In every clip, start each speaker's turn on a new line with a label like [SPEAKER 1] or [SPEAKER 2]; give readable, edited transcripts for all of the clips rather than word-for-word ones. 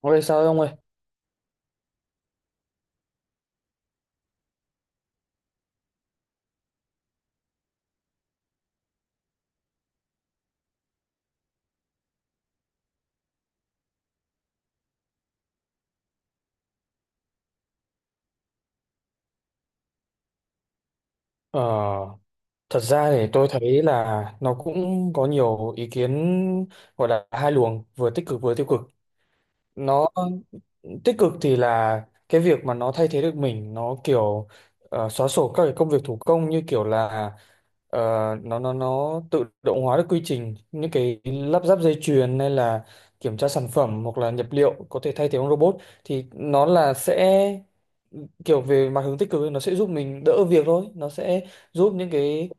[SPEAKER 1] Ôi sao ông ơi? Ờ, Thật ra thì tôi thấy là nó cũng có nhiều ý kiến gọi là hai luồng, vừa tích cực vừa tiêu cực. Nó tích cực thì là cái việc mà nó thay thế được mình, nó kiểu xóa sổ các cái công việc thủ công như kiểu là Ờ, nó tự động hóa được quy trình những cái lắp ráp dây chuyền hay là kiểm tra sản phẩm hoặc là nhập liệu có thể thay thế bằng robot, thì nó là sẽ kiểu về mặt hướng tích cực ấy, nó sẽ giúp mình đỡ việc thôi, nó sẽ giúp những cái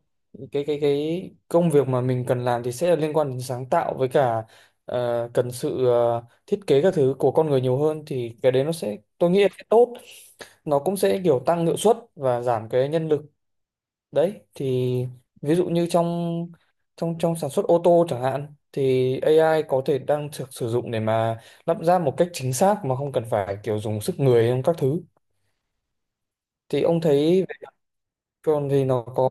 [SPEAKER 1] cái cái cái công việc mà mình cần làm thì sẽ liên quan đến sáng tạo với cả cần sự thiết kế các thứ của con người nhiều hơn, thì cái đấy nó sẽ tôi nghĩ là sẽ tốt. Nó cũng sẽ kiểu tăng hiệu suất và giảm cái nhân lực đấy. Thì ví dụ như trong trong trong sản xuất ô tô chẳng hạn thì AI có thể đang được sử dụng để mà lắp ráp một cách chính xác mà không cần phải kiểu dùng sức người trong các thứ, thì ông thấy còn thì nó có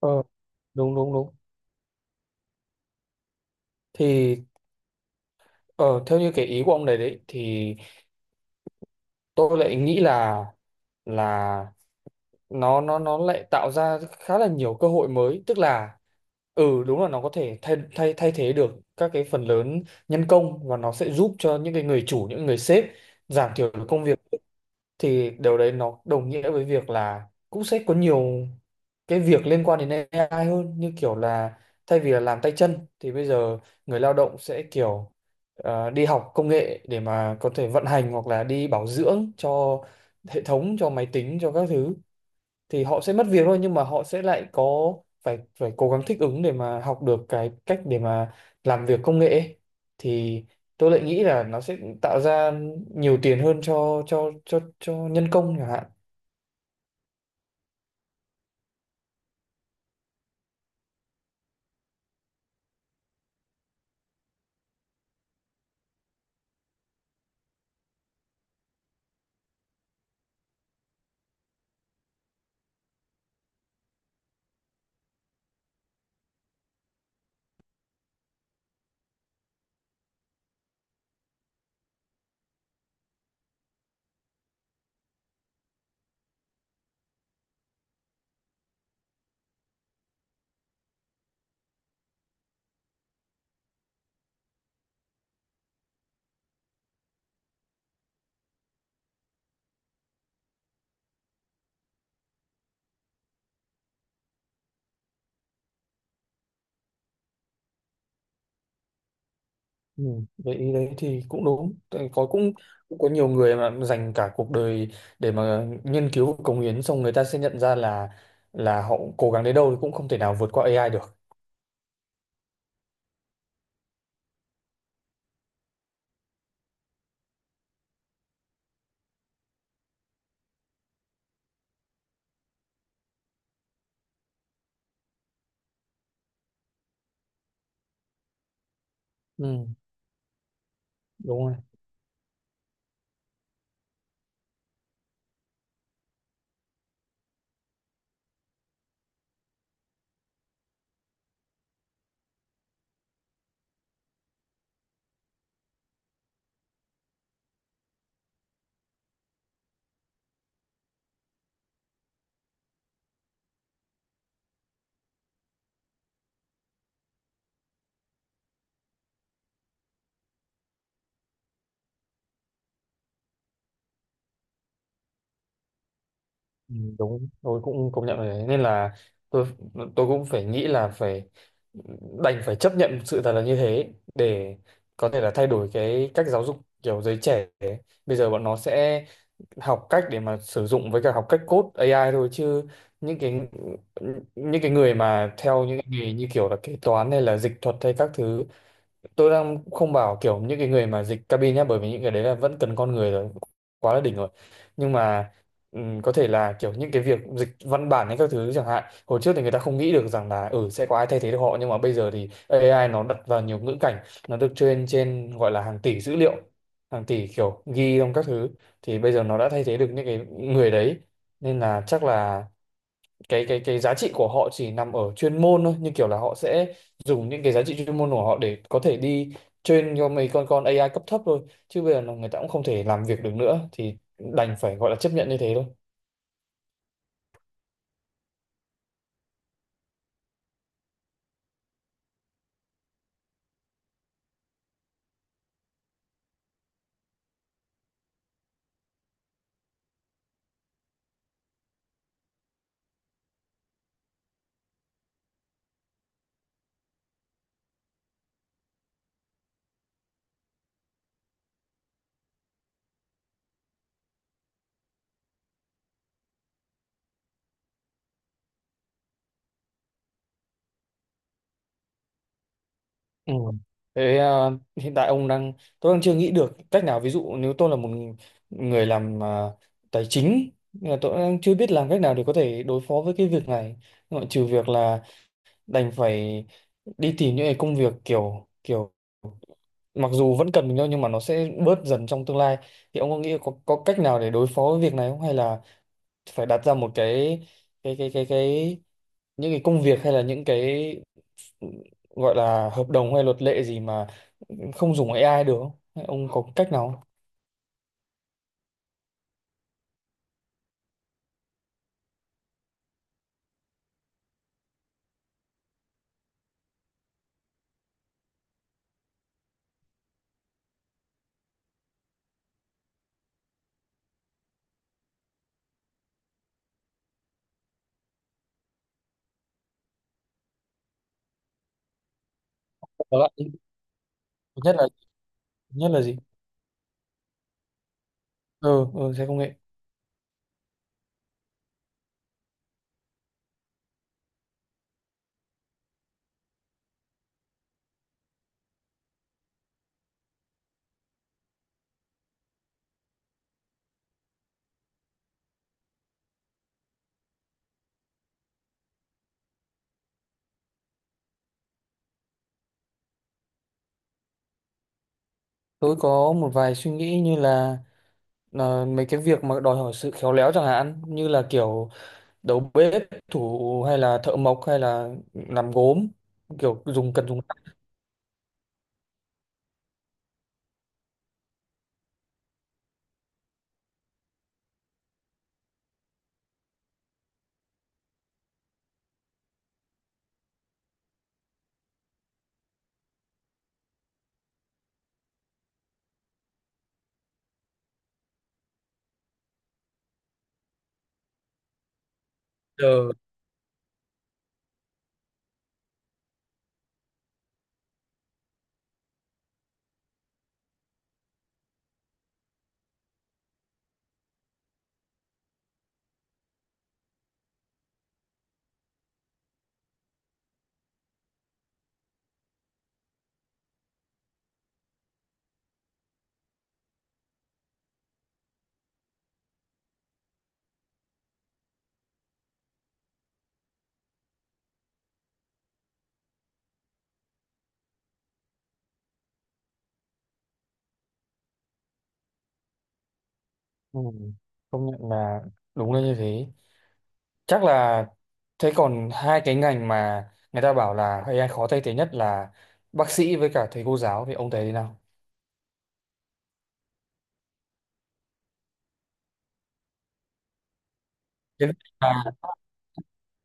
[SPEAKER 1] ờ, đúng đúng đúng. Thì ờ, theo như cái ý của ông này đấy thì tôi lại nghĩ là nó lại tạo ra khá là nhiều cơ hội mới, tức là ừ đúng là nó có thể thay thay thay thế được các cái phần lớn nhân công, và nó sẽ giúp cho những cái người chủ, những người sếp giảm thiểu được công việc. Thì điều đấy nó đồng nghĩa với việc là cũng sẽ có nhiều cái việc liên quan đến AI hơn, như kiểu là thay vì là làm tay chân thì bây giờ người lao động sẽ kiểu đi học công nghệ để mà có thể vận hành hoặc là đi bảo dưỡng cho hệ thống, cho máy tính, cho các thứ. Thì họ sẽ mất việc thôi, nhưng mà họ sẽ lại có phải phải cố gắng thích ứng để mà học được cái cách để mà làm việc công nghệ ấy. Thì tôi lại nghĩ là nó sẽ tạo ra nhiều tiền hơn cho cho nhân công chẳng hạn. Ừ, vậy ý đấy thì cũng đúng. Tại có cũng cũng có nhiều người mà dành cả cuộc đời để mà nghiên cứu và cống hiến, xong người ta sẽ nhận ra là họ cố gắng đến đâu thì cũng không thể nào vượt qua AI được. Ừ, đúng rồi. Ừ, đúng, tôi cũng công nhận rồi đấy, nên là tôi tôi cũng phải nghĩ là phải đành phải chấp nhận sự thật là như thế để có thể là thay đổi cái cách giáo dục kiểu giới trẻ ấy. Bây giờ bọn nó sẽ học cách để mà sử dụng với cả học cách code AI thôi, chứ những cái những cái người mà theo những cái nghề như kiểu là kế toán hay là dịch thuật hay các thứ, tôi đang không bảo kiểu những cái người mà dịch cabin nhá, bởi vì những cái đấy là vẫn cần con người rồi, quá là đỉnh rồi. Nhưng mà có thể là kiểu những cái việc dịch văn bản hay các thứ chẳng hạn, hồi trước thì người ta không nghĩ được rằng là ừ sẽ có ai thay thế được họ, nhưng mà bây giờ thì AI nó đặt vào nhiều ngữ cảnh, nó được train trên gọi là hàng tỷ dữ liệu, hàng tỷ kiểu ghi trong các thứ, thì bây giờ nó đã thay thế được những cái người đấy. Nên là chắc là cái giá trị của họ chỉ nằm ở chuyên môn thôi, như kiểu là họ sẽ dùng những cái giá trị chuyên môn của họ để có thể đi train cho mấy con AI cấp thấp thôi, chứ bây giờ là người ta cũng không thể làm việc được nữa thì đành phải gọi là chấp nhận như thế thôi. Ừ. Thế à, hiện tại ông đang tôi đang chưa nghĩ được cách nào. Ví dụ nếu tôi là một người làm tài chính, tôi đang chưa biết làm cách nào để có thể đối phó với cái việc này, ngoại trừ việc là đành phải đi tìm những cái công việc kiểu kiểu mặc dù vẫn cần mình thôi nhưng mà nó sẽ bớt dần trong tương lai. Thì ông có nghĩ có cách nào để đối phó với việc này không, hay là phải đặt ra một cái cái cái cái cái những cái công việc hay là những cái gọi là hợp đồng hay luật lệ gì mà không dùng AI được không? Hay ông có cách nào không? Có lại nhất là nhất là gì? Ừ, ừ sẽ công nghệ. Tôi có một vài suy nghĩ như là mấy cái việc mà đòi hỏi sự khéo léo chẳng hạn như là kiểu đầu bếp, thủ hay là thợ mộc hay là làm gốm, kiểu dùng cần dùng giờ. Ừ, công nhận là đúng là như thế. Chắc là thế còn hai cái ngành mà người ta bảo là AI khó thay thế nhất là bác sĩ với cả thầy cô giáo, thì ông thấy thế nào? Thế à.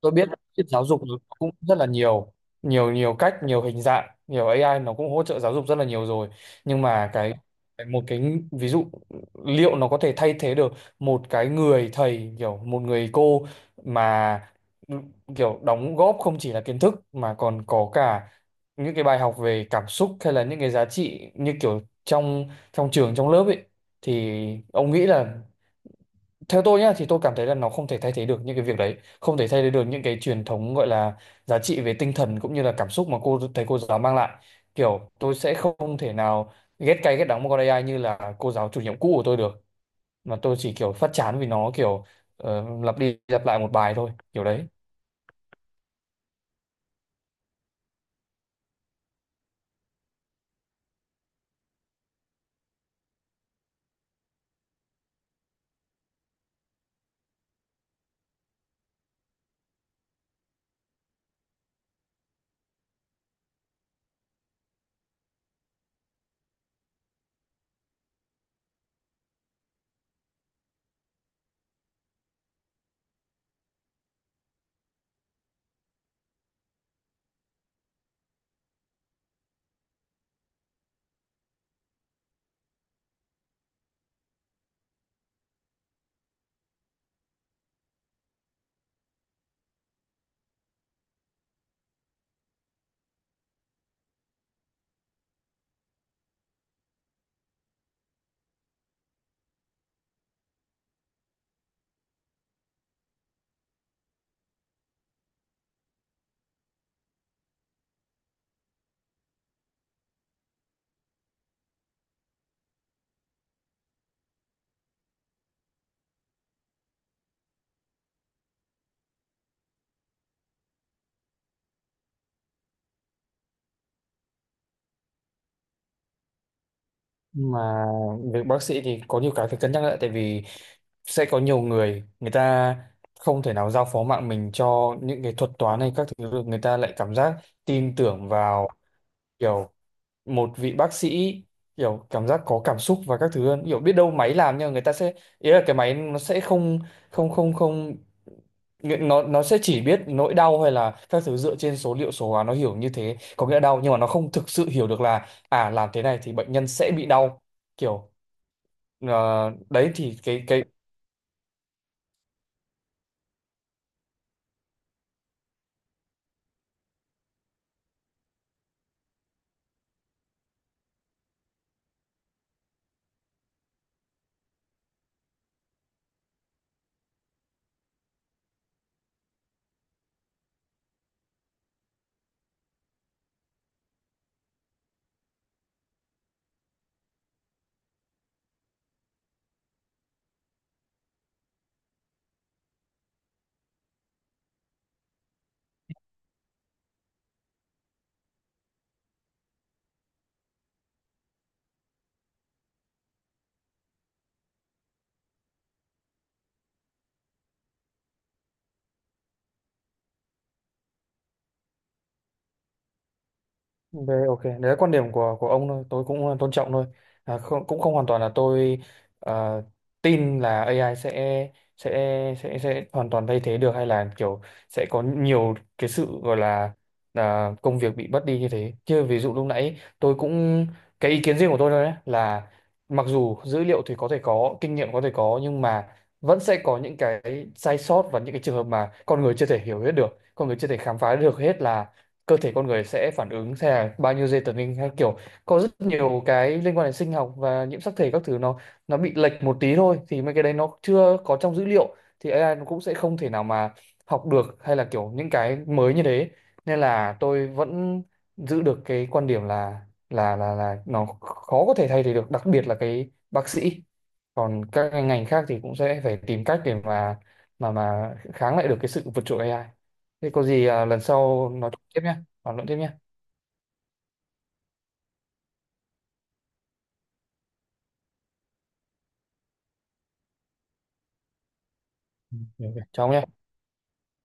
[SPEAKER 1] Tôi biết biết giáo dục nó cũng rất là nhiều, nhiều cách, nhiều hình dạng, nhiều AI nó cũng hỗ trợ giáo dục rất là nhiều rồi. Nhưng mà cái một cái ví dụ liệu nó có thể thay thế được một cái người thầy kiểu một người cô mà kiểu đóng góp không chỉ là kiến thức mà còn có cả những cái bài học về cảm xúc hay là những cái giá trị như kiểu trong trong trường trong lớp ấy, thì ông nghĩ là theo tôi nhá thì tôi cảm thấy là nó không thể thay thế được những cái việc đấy, không thể thay thế được những cái truyền thống gọi là giá trị về tinh thần cũng như là cảm xúc mà cô thầy cô giáo mang lại. Kiểu tôi sẽ không thể nào ghét cay ghét đắng một con AI như là cô giáo chủ nhiệm cũ của tôi được, mà tôi chỉ kiểu phát chán vì nó kiểu lặp đi lặp lại một bài thôi kiểu đấy. Mà việc bác sĩ thì có nhiều cái phải cân nhắc lại, tại vì sẽ có nhiều người người ta không thể nào giao phó mạng mình cho những cái thuật toán hay các thứ được, người ta lại cảm giác tin tưởng vào kiểu một vị bác sĩ kiểu cảm giác có cảm xúc và các thứ hơn, kiểu biết đâu máy làm nhưng mà người ta sẽ ý là cái máy nó sẽ không không nghĩa- nó sẽ chỉ biết nỗi đau hay là các thứ dựa trên số liệu số hóa, nó hiểu như thế có nghĩa là đau, nhưng mà nó không thực sự hiểu được là à làm thế này thì bệnh nhân sẽ bị đau, kiểu đấy thì cái đấy, ok, đấy là quan điểm của ông thôi, tôi cũng tôn trọng thôi. À, không, cũng không hoàn toàn là tôi ờ, tin là AI sẽ sẽ sẽ hoàn toàn thay thế được hay là kiểu sẽ có nhiều cái sự gọi là công việc bị mất đi như thế. Chứ ví dụ lúc nãy tôi cũng cái ý kiến riêng của tôi thôi đấy là mặc dù dữ liệu thì có thể có, kinh nghiệm có thể có, nhưng mà vẫn sẽ có những cái sai sót và những cái trường hợp mà con người chưa thể hiểu hết được, con người chưa thể khám phá được hết là cơ thể con người sẽ phản ứng theo bao nhiêu dây tần linh hay kiểu có rất nhiều cái liên quan đến sinh học và nhiễm sắc thể các thứ, nó bị lệch một tí thôi thì mấy cái đấy nó chưa có trong dữ liệu thì AI nó cũng sẽ không thể nào mà học được hay là kiểu những cái mới như thế. Nên là tôi vẫn giữ được cái quan điểm là là nó khó có thể thay thế được, đặc biệt là cái bác sĩ. Còn các cái ngành khác thì cũng sẽ phải tìm cách để mà mà mà kháng lại được cái sự vượt trội AI. Thế có gì lần sau nói tiếp nhé, bàn luận tiếp nhé. Ừ, ok. Chào ông nhé.